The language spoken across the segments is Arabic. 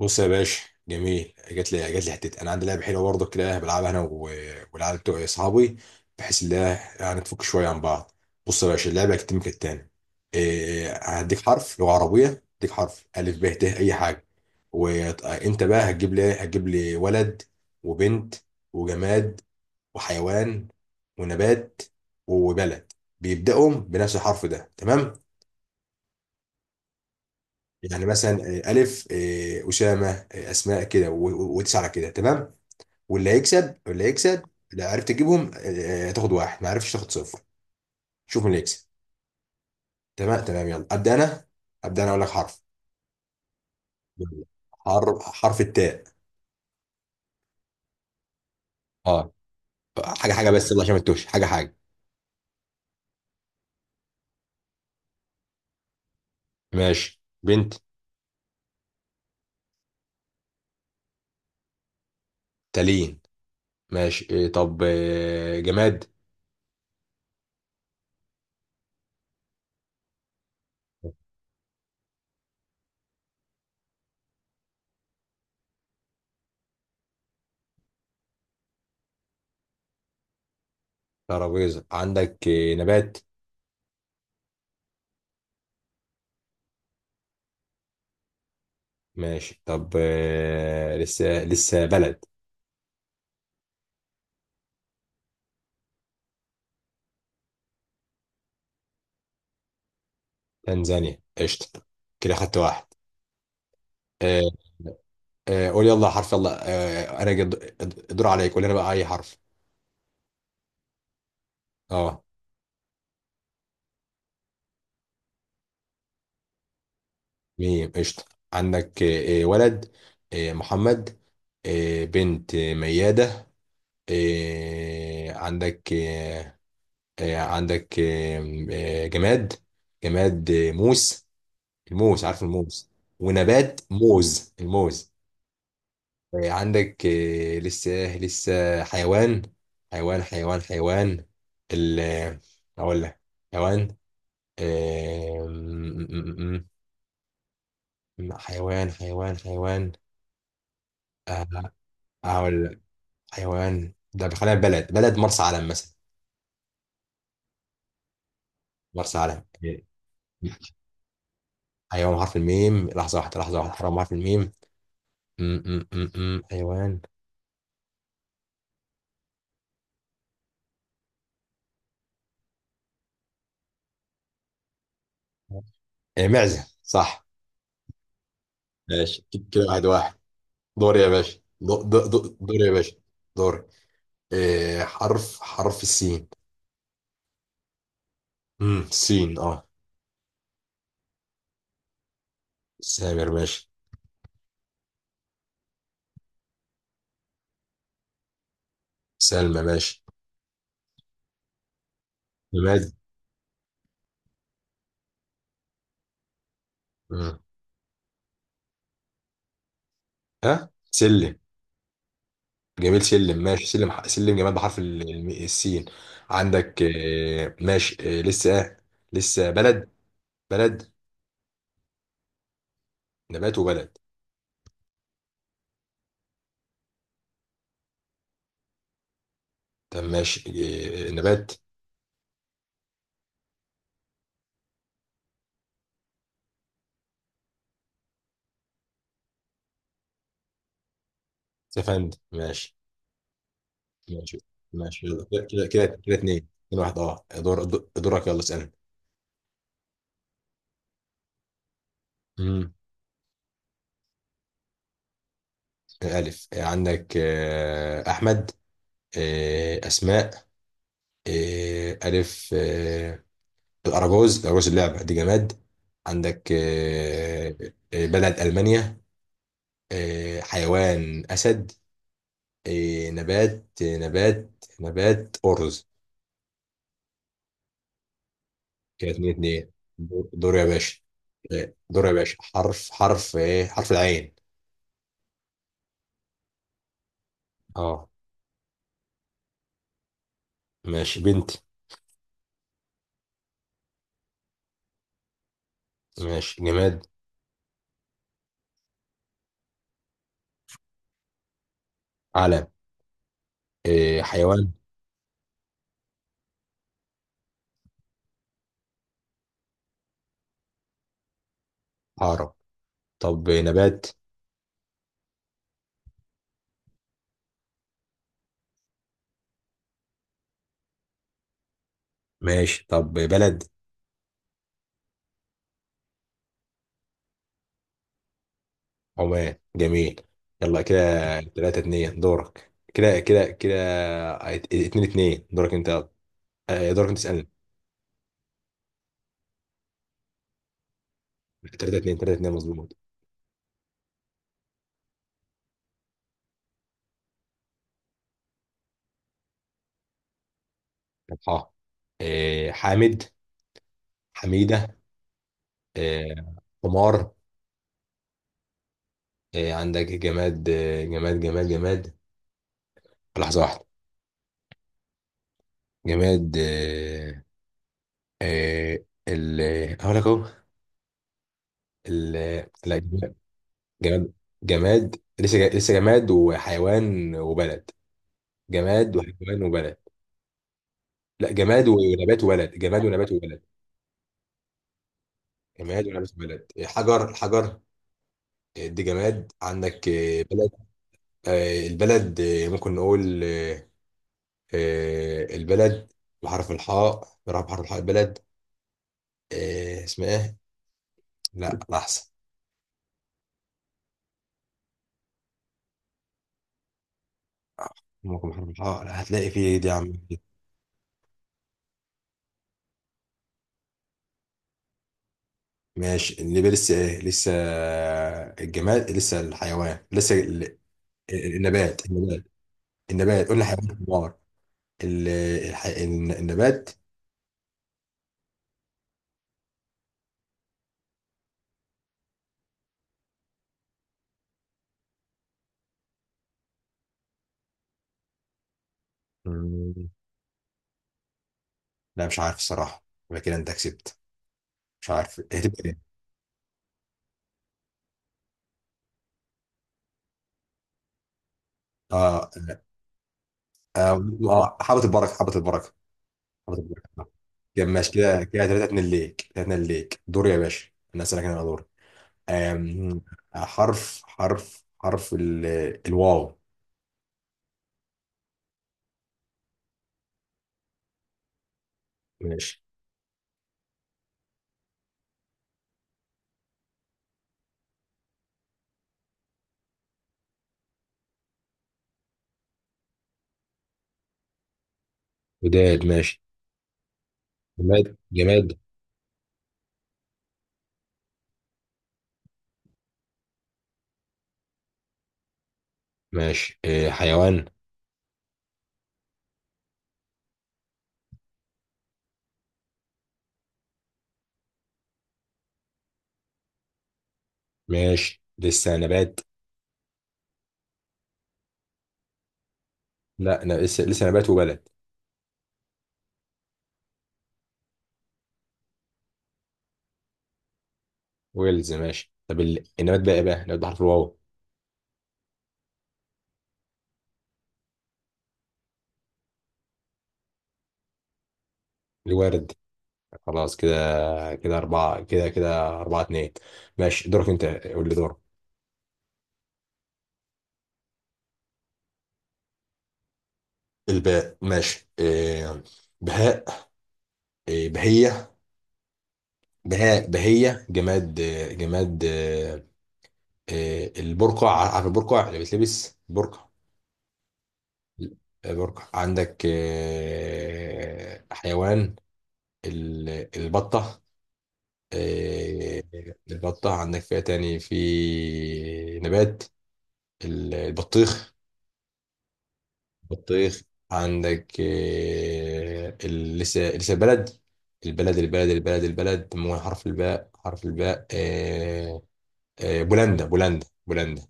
بص يا باشا. جميل. جات لي حته. انا عندي لعبه حلوه برضه كده بلعبها انا والعيال بتوع اصحابي، بحيث ان هي يعني تفك شويه عن بعض. بص يا باشا، اللعبه هتتم كالتالي، هديك حرف لغه عربيه، هديك حرف الف، ب، ت، اي حاجه، وانت بقى هتجيب لي ولد وبنت وجماد وحيوان ونبات وبلد بيبداوا بنفس الحرف ده، تمام؟ يعني مثلا الف اسامه اسماء كده وتسعه كده، تمام. واللي هيكسب لو عرفت تجيبهم تاخد واحد، ما عرفتش تاخد صفر. شوف مين اللي يكسب. تمام، يلا ابدا انا. اقول لك حرف. يلا. حرف التاء. اه. حاجه حاجه بس، يلا عشان ما تتوهش، حاجه حاجه. ماشي، بنت، تالين. ماشي إيه طب آه، جماد. ترابيزه، عندك نبات. ماشي طب، لسه بلد. تنزانيا، قشطه. كده خدت واحد. آه، قول يلا حرف، يلا آه انا جد... الدور عليك، قول لنا بقى اي حرف. اه. ميم، قشطه. عندك ولد، آه محمد. آه، بنت، مياده. آه عندك آه آه، عندك آه آه، جماد. جماد موس. الموس، عارف الموس. ونبات، موز، الموز. آه عندك آه لسه حيوان. حيوان. ال آه، اقول لك حيوان. أم- حيوان. أه، هقول لك حيوان ده، خلينا في بلد. مرسى علم مثلا. مرسى علم. حيوان حرف الميم، لحظة واحدة، حرام، حرف الميم. م- م- م- م. حيوان، معزة، صح. ماشي كده، واحد واحد. دور يا باشا، دور يا باشا، دور. إيه، حرف السين. سين، اه. سامر، ماشي. سلمى ماشي. نماد. مم. ها، سلم. جميل، سلم، ماشي. سلم سلم جمال بحرف السين. عندك ماشي لسه لسه بلد. بلد. نبات وبلد. طب ماشي. نبات، سفند، ماشي ماشي، يلا. كده، اتنين اتنين واحد. اه، دورك، يلا اسألني. مم. ألف. عندك أحمد، أسماء. آه، ألف آه، الأراجوز. اللعبة دي جماد. عندك بلد ألمانيا. حيوان، أسد. آه، نبات آه، نبات نبات أرز. كده اتنين اتنين. دور يا باشا. دور يا باشا. حرف العين. اه. ماشي، بنت. ماشي، جماد، علم. حيوان، عقرب. طب نبات. ماشي طب بلد. عمان، جميل. يلا كده، تلاتة اتنين. دورك. اتنين اتنين، دورك انت. دورك انت تسألني. تلاتة اتنين، مظبوط. اه. حامد، حميدة. آه، حمار. عندك جماد. جماد، لحظة واحدة. جماد. آه، آه، ال هقول لك اهو ال لا جماد. جماد لسه جماد وحيوان وبلد. لا، جماد ونبات وبلد. حجر. دي جماد. عندك بلد. آه، البلد آه، ممكن نقول آه، آه، البلد بحرف الحاء. بحرف الحاء البلد. اسمها ايه؟ لا لا، احسن ممكن بحرف الحاء. لا، هتلاقي فيه، إيه دي يا عم؟ ماشي، النبي، لسه ايه لسه؟ الجماد لسه، الحيوان لسه، النبات النبات، قول لي حيوان، النار. ال- النبات. مم، لا، مش عارف الصراحة، يبقى كده انت كسبت. مش عارف هتبقى ايه. اه، اه. حبة البركة. حافظ البركة. كده ماشي، كده كده، ثلاثة اتنين ليك. دور يا باشا، انا اسألك، انا دور. أم... حرف حرف حرف ال... الواو. ماشي. وداد، ماشي. جماد. ماشي، إيه، حيوان. ماشي، لسه نبات. لا، أنا لسه نبات وبلد. ويلز، ماشي. طب النبات بقى، إيه بقى نبات بحرف الواو؟ الورد. خلاص كده، أربعة اتنين. ماشي دورك أنت، قول لي دورك. الباء، ماشي، إيه. بهاء، بهية. بهية. جماد، البرقع، عارف البرقع اللي بتلبس برقع. برقع. عندك حيوان، البطة. آه، عندك فيها تاني في نبات، البطيخ. بطيخ. عندك لسه بلد. البلد، مو حرف الباء. بولندا. بولندا،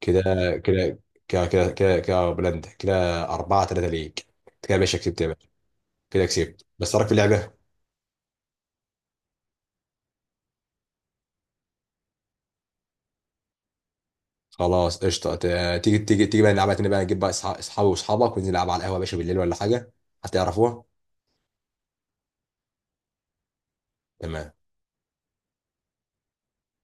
كده كده كده بولندا، كده أربعة تلاتة ليك. كده يا باشا، كسبت يا باشا. كده كسبت. بس رأيك في اللعبة؟ خلاص قشطة. تيجي بقى نلعبها تاني، بقى نجيب بقى أصحابي وأصحابك وننزل نلعب على القهوة يا باشا بالليل، ولا حاجة، هتعرفوها، تمام.